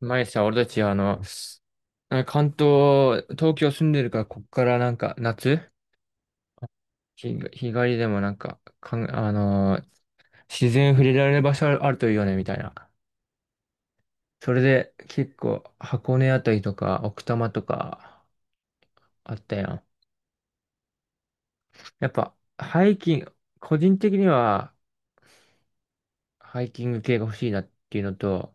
前さ、俺たち、関東、東京住んでるから、こっからなんか、夏、日帰りでもなんか、自然触れられる場所あるといいよね、みたいな。それで、結構、箱根あたりとか、奥多摩とか、あったやん。やっぱ、ハイキング、個人的には、ハイキング系が欲しいなっていうのと、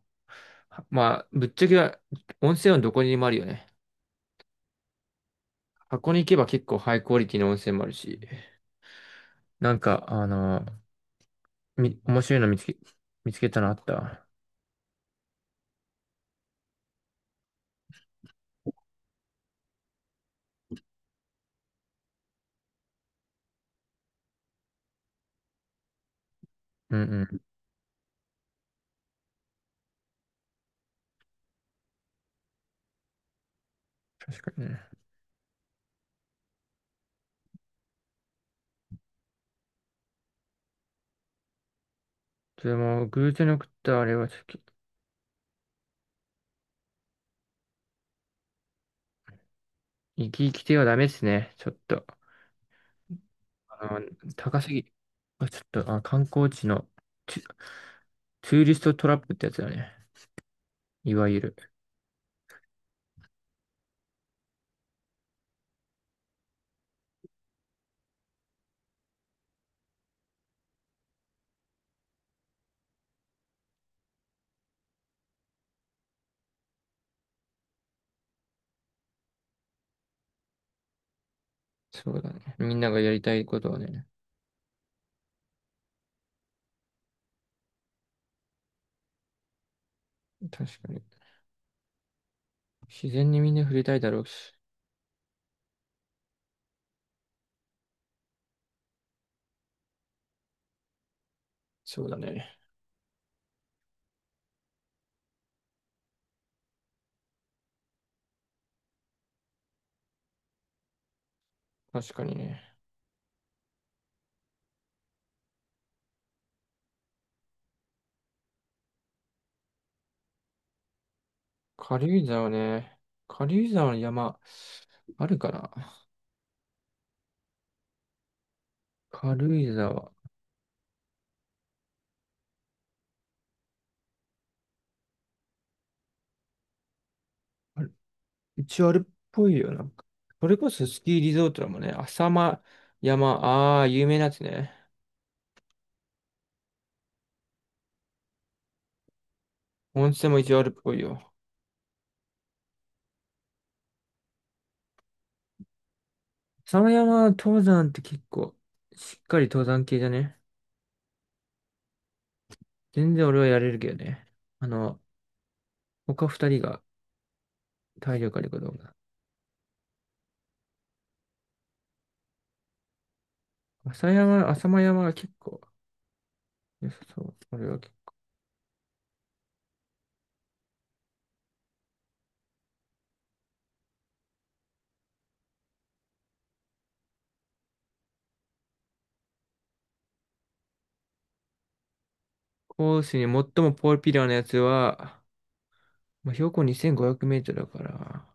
はまあ、ぶっちゃけは、温泉はどこにでもあるよね。箱根行けば結構ハイクオリティの温泉もあるし、なんか、面白いの見つけ、見つけたのあった。うんうん。確かにね。でも、偶然送ったあれはちょっと、生き生きてはダメですね。ちょっと、あの、高すぎ。ちょっと、観光地のツ、ツーリストトラップってやつだね。いわゆる。そうだね。みんながやりたいことはね、確かに。自然にみんな触れたいだろうし。そうだね。確かにね。軽井沢ね。軽井沢の山、あるかな軽井沢。ある一応あるっぽいよ。なんか。それこそスキーリゾートだもんね。浅間山、ああ、有名なやつね。温泉も一応あるっぽいよ。浅間山登山って結構、しっかり登山系じゃね。全然俺はやれるけどね。あの、他二人が体力あるかどうか。浅間山が結構良さそう。俺は結構コースに最もポピュラーなやつは、まあ、標高2500メートルだから、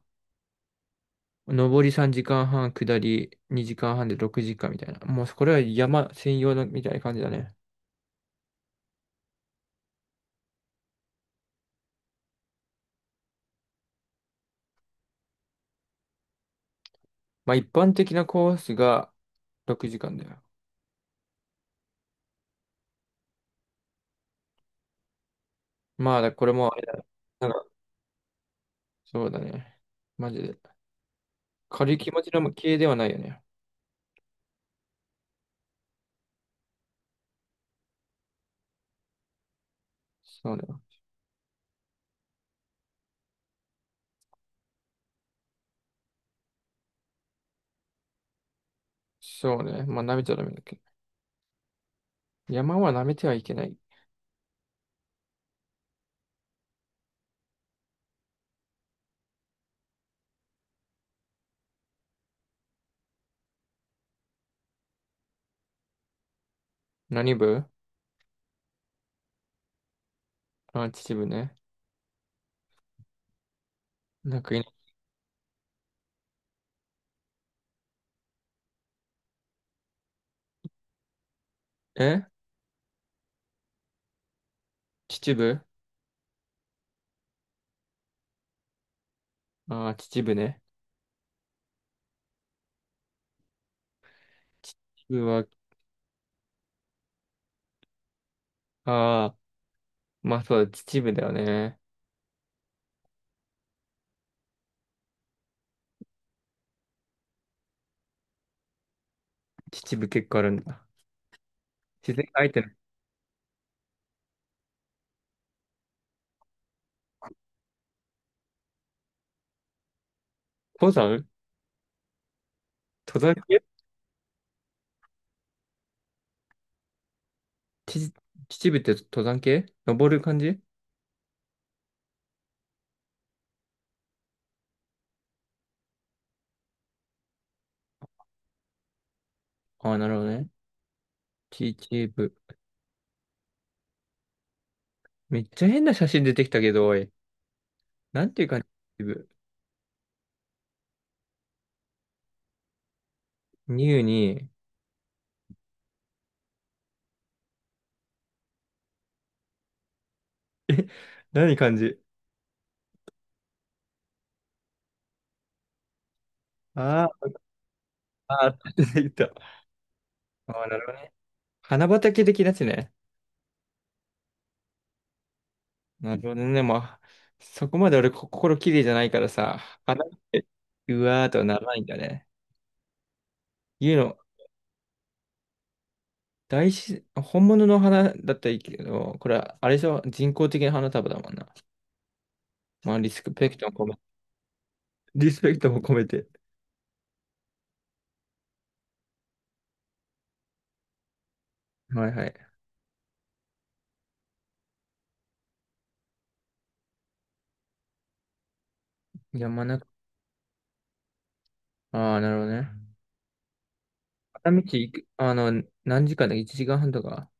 上り3時間半、下り2時間半で6時間みたいな。もうこれは山専用のみたいな感じだね。まあ一般的なコースが6時間だよ。まあだこれもあれだ。なんかそうだね。マジで。軽い気持ちの系ではないよね。そうね。そうね。まあ舐めちゃダメだっけど。山は舐めてはいけない。何部？秩父ね。なんかい、え秩父、秩父ね。秩父は、あまあそうだ、秩父だよね。秩父結構あるんだ。自然相手の登山登山系。ち秩父って登山系登る感じ？ああー、なるほどね。秩父。めっちゃ変な写真出てきたけど、おい。なんていう感じ秩父。ニューに。え、何感じああ、ああ、出てきた。ああ、なるほどね。花畑的なやつね。なるほどね。まあ、そこまで俺心綺麗じゃないからさ、花、うわーとはならないんだね。言うの、大自然、本物の花だったらいいけど、これは、あれでしょ人工的な花束だもんな。まあ、リスペクトも込めて。はいはい。山中、ああ、なるほどね。片道行く、何時間だ ?1 時間半とか。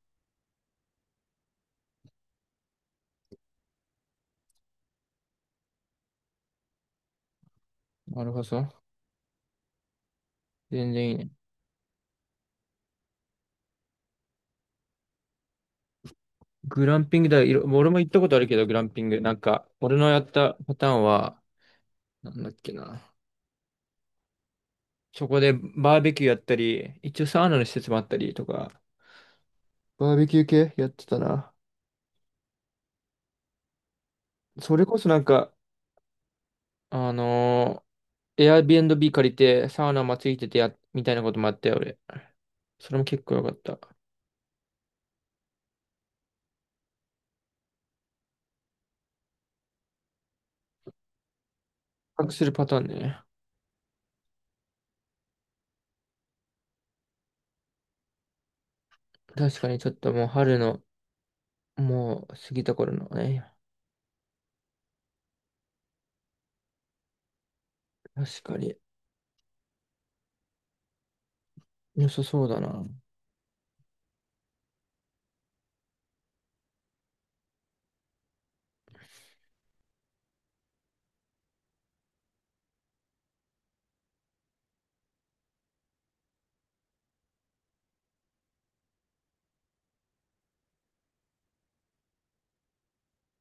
なるほど。全然いいね。グランピングだ、俺も行ったことあるけど、グランピング。なんか、俺のやったパターンは、なんだっけな。そこでバーベキューやったり、一応サウナの施設もあったりとか、バーベキュー系やってたな。それこそなんか、あのAirbnb 借りてサウナもついててや、みたいなこともあったよ、俺。それも結構良かった。隠するパターンね。確かにちょっともう春の、もう過ぎた頃のね。確かに良さそうだな。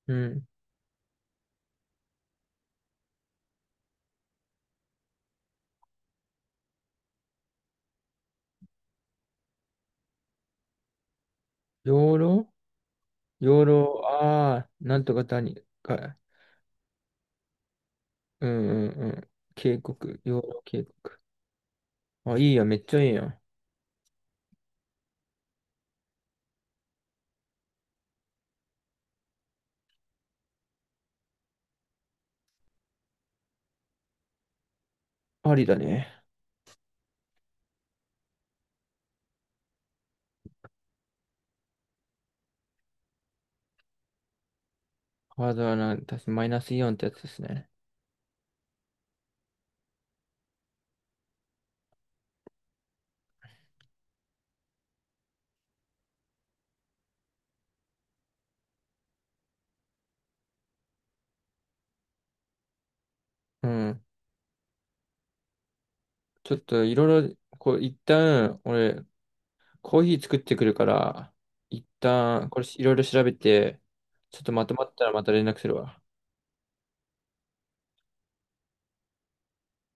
うん。養老養老、ああ、なんとか谷かい。うんうんうん。渓谷、養老渓谷。あ、いいや、めっちゃいいやん。ありだね。ハードはな、確かマイナスイオンってやつですね。うん。ちょっといろいろ、こう、一旦、俺、コーヒー作ってくるから、一旦、これいろいろ調べて、ちょっとまとまったらまた連絡するわ。